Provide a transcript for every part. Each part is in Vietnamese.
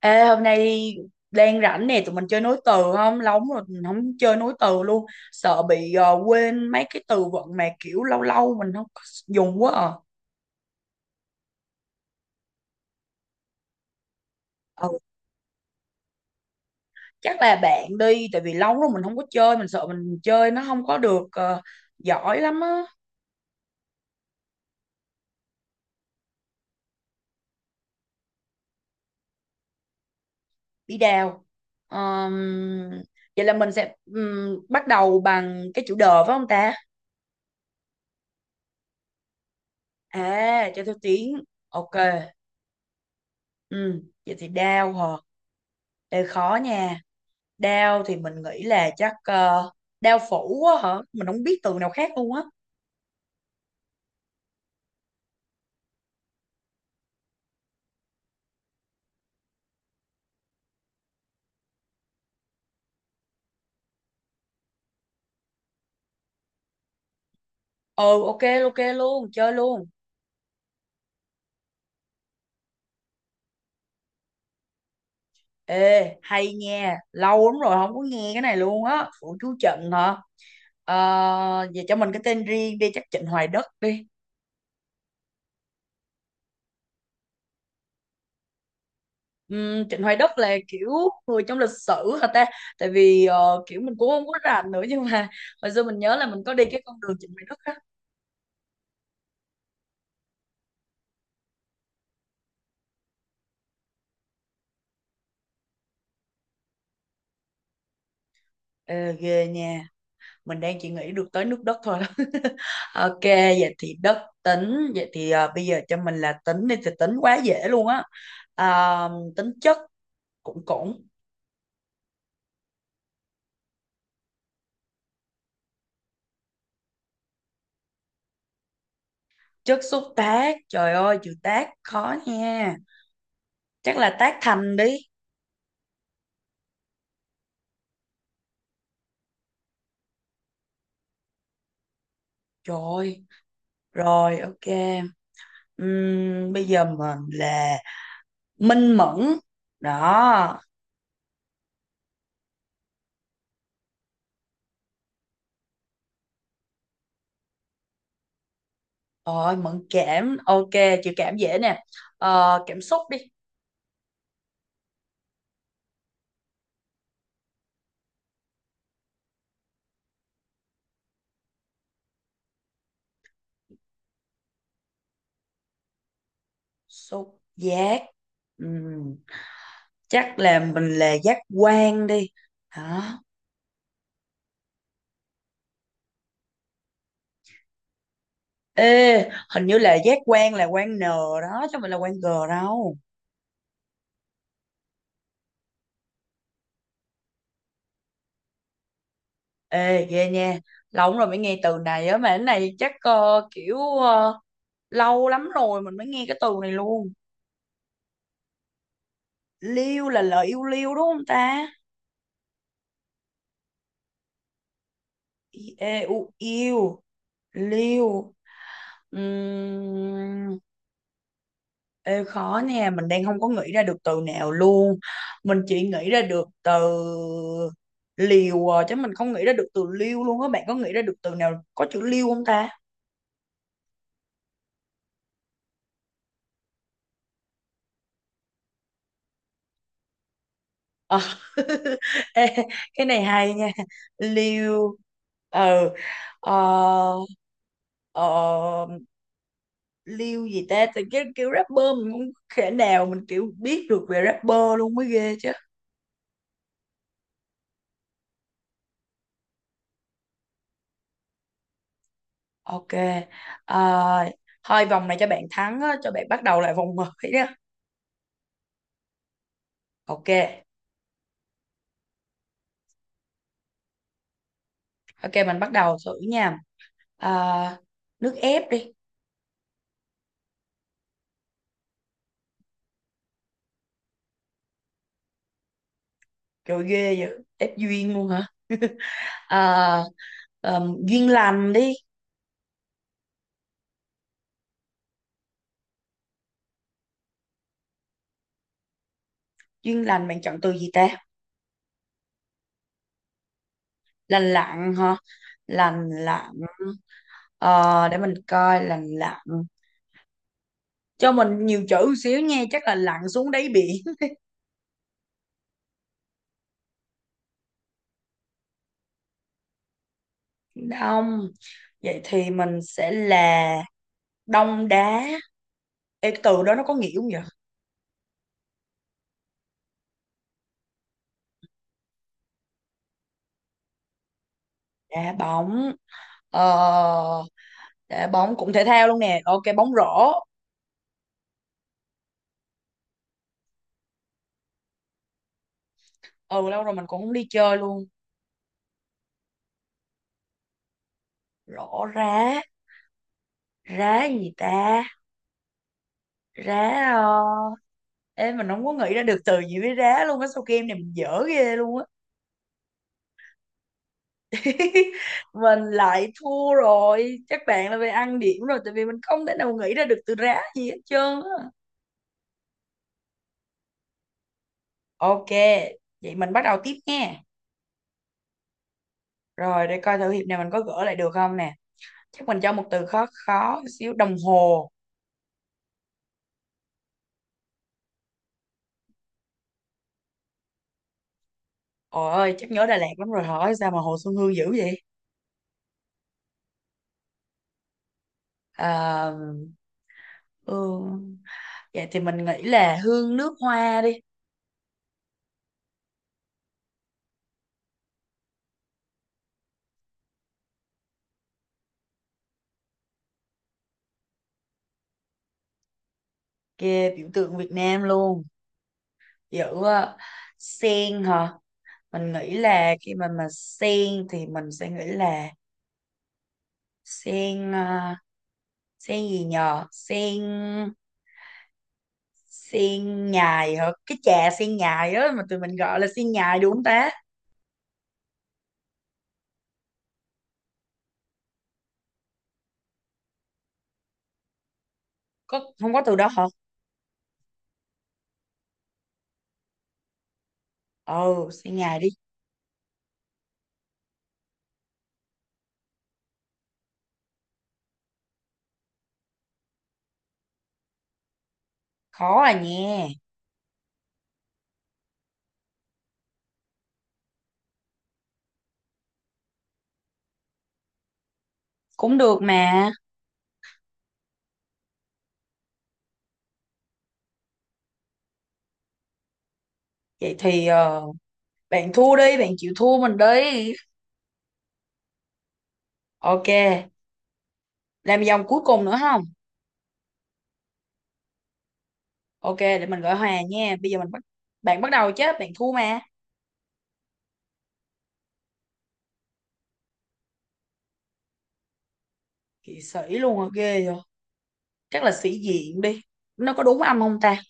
Ê, hôm nay đang rảnh nè, tụi mình chơi nối từ không? Lâu lắm rồi mình không chơi nối từ luôn. Sợ bị quên mấy cái từ vựng mà kiểu lâu lâu mình không có dùng quá à. Ừ, chắc là bạn đi, tại vì lâu rồi mình không có chơi, mình sợ mình chơi nó không có được giỏi lắm á. Bí đào. Ờm, vậy là mình sẽ bắt đầu bằng cái chữ đờ phải không ta? À, cho theo tiếng. Ok. Ừ, vậy thì đào hả? Đây khó nha. Đao thì mình nghĩ là chắc đao phủ á hả? Mình không biết từ nào khác luôn á. Ừ, ok. Ok luôn, chơi luôn. Ê, hay nha, lâu lắm rồi không có nghe cái này luôn á. Phủ chú Trịnh hả? Ờ, vậy cho mình cái tên riêng đi, chắc Trịnh Hoài Đất đi. Trịnh Hoài Đất là kiểu người trong lịch sử hả ta? Tại vì kiểu mình cũng không có rành nữa nhưng mà hồi xưa mình nhớ là mình có đi cái con đường Trịnh Hoài Đất á. Ờ, ghê nha. Mình đang chỉ nghĩ được tới nước đất thôi. Ok, vậy thì đất tính. Vậy thì à, bây giờ cho mình là tính đi thì tính quá dễ luôn á. À, tính chất. Cũng cũng chất xúc tác. Trời ơi chữ tác khó nha. Chắc là tác thành đi. Trời ơi, rồi ok. Bây giờ mình là minh mẫn đó. Rồi mẫn cảm, ok. Chữ cảm dễ nè. Ờ, cảm xúc đi. Xúc giác. Ừm, chắc là mình là giác quan đi, hả? Ê, hình như là giác quan là quan n đó chứ mình là quan g đâu. Ê ghê nha, lâu lắm rồi mới nghe từ này á mà cái này chắc lâu lắm rồi mình mới nghe cái từ này luôn. Liêu là lời yêu liêu đúng không ta? I- e u yêu liêu. Ừm, Ê, khó nè, mình đang không có nghĩ ra được từ nào luôn. Mình chỉ nghĩ ra được từ liều à, chứ mình không nghĩ ra được từ liêu luôn á. Bạn có nghĩ ra được từ nào có chữ liêu không ta? Ờ. Ê, cái này hay nha. Liêu. Ừ. Ờ, ờ, liêu gì ta? Từ cái kiểu rapper mình không thể nào mình kiểu biết được về rapper luôn mới ghê chứ. Ok. Ờ, thôi vòng này cho bạn thắng á, cho bạn bắt đầu lại vòng mới. Ok, ok mình bắt đầu thử nha. À, nước ép đi. Trời ghê vậy, ép duyên luôn hả? À, duyên lành đi. Duyên lành bạn chọn từ gì ta? Lành lặn hả? Lành lặn. Ờ, để mình coi lành lặn. Cho mình nhiều chữ xíu nha, chắc là lặn xuống đáy biển. Đông. Vậy thì mình sẽ là đông đá. Ê, từ đó nó có nghĩa không vậy? Đá bóng. Ờ, dạ, bóng cũng thể thao luôn nè, ok bóng rổ. Ừ lâu rồi mình cũng không đi chơi luôn. Rổ rá. Rá gì ta? Rá ờ... Ê, mình không có nghĩ ra được từ gì với rá luôn á, sao game này mình dở ghê luôn á. Mình lại thua rồi, chắc bạn là về ăn điểm rồi tại vì mình không thể nào nghĩ ra được từ rá gì hết trơn á. Ok vậy mình bắt đầu tiếp nha. Rồi để coi thử hiệp này mình có gỡ lại được không nè. Chắc mình cho một từ khó khó xíu, đồng hồ. Ôi ơi, chắc nhớ Đà Lạt lắm rồi hỏi sao mà Hồ Xuân Hương dữ vậy? À, Hương... dạ thì mình nghĩ là hương nước hoa đi. Kia biểu tượng Việt Nam luôn. Giữ sen hả? Mình nghĩ là khi mà sen thì mình sẽ nghĩ là sen ờ, sen gì nhờ? Sen sen nhài hả? Cái trà sen nhài á mà tụi mình gọi là sen nhài đúng không ta? Có không có từ đó hả? Ừ, sen nhài đi. Khó à nha. Cũng được mà. Vậy thì bạn thua đi, bạn chịu thua mình đi. Ok, làm vòng cuối cùng nữa không? Ok, để mình gọi hòa nha. Bây giờ mình bắt bạn bắt đầu chứ, bạn thua mà. Kỵ sĩ luôn à, ghê rồi. Chắc là sĩ diện đi. Nó có đúng âm không ta?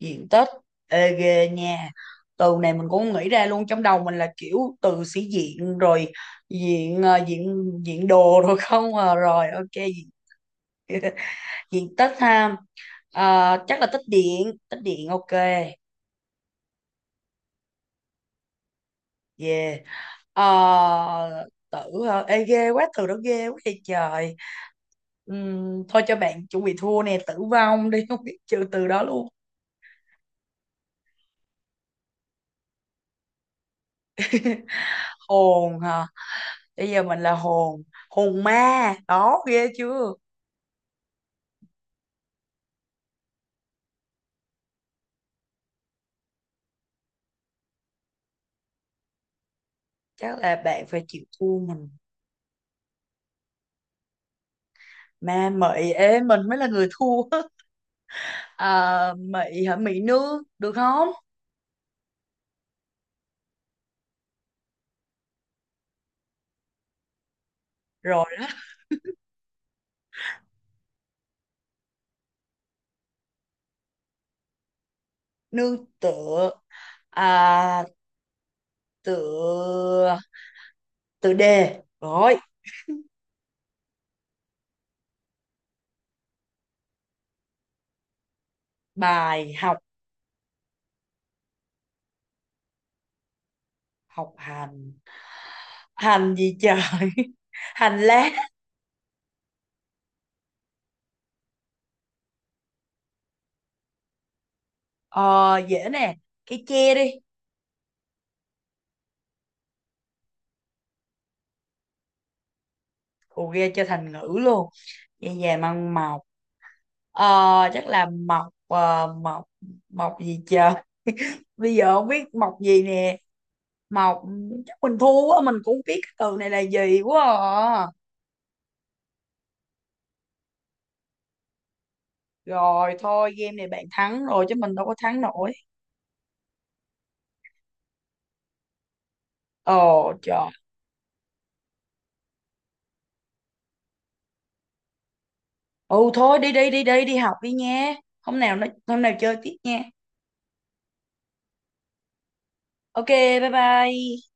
Diện tích. Ê ghê nha. Từ này mình cũng nghĩ ra luôn trong đầu mình là kiểu từ sĩ diện rồi diện diện diện đồ rồi không à. Rồi ok diện, diện tích ha. Ờ, chắc là tích điện ok. Yeah. Ờ, tự hả? Ê, ghê quá, từ đó ghê quá vậy trời. Thôi cho bạn chuẩn bị thua nè, tử vong đi không biết trừ từ đó luôn. Hồn hả, bây giờ mình là hồn. Hồn ma đó ghê chưa. Chắc là bạn phải chịu thua mình. Ma mị, ê mình mới là người thua. À, mị hả, mị nương được không? Rồi đó. Nương tựa. À, tựa tựa đề rồi. Bài học. Học hành. Hành gì trời, hành lá. Ờ dễ nè, cái tre đi. Ồ ghê cho thành ngữ luôn, về về măng mọc. Ờ chắc là mọc mọc gì trời. Bây giờ không biết mọc gì nè. Mọc, chắc mình thua quá, mình cũng không biết cái từ này là gì quá à. Rồi thôi game này bạn thắng rồi chứ mình đâu có thắng nổi. Ồ trời. Ừ thôi đi đi đi đi đi học đi nha. Hôm nào chơi tiếp nha. Ok, bye bye.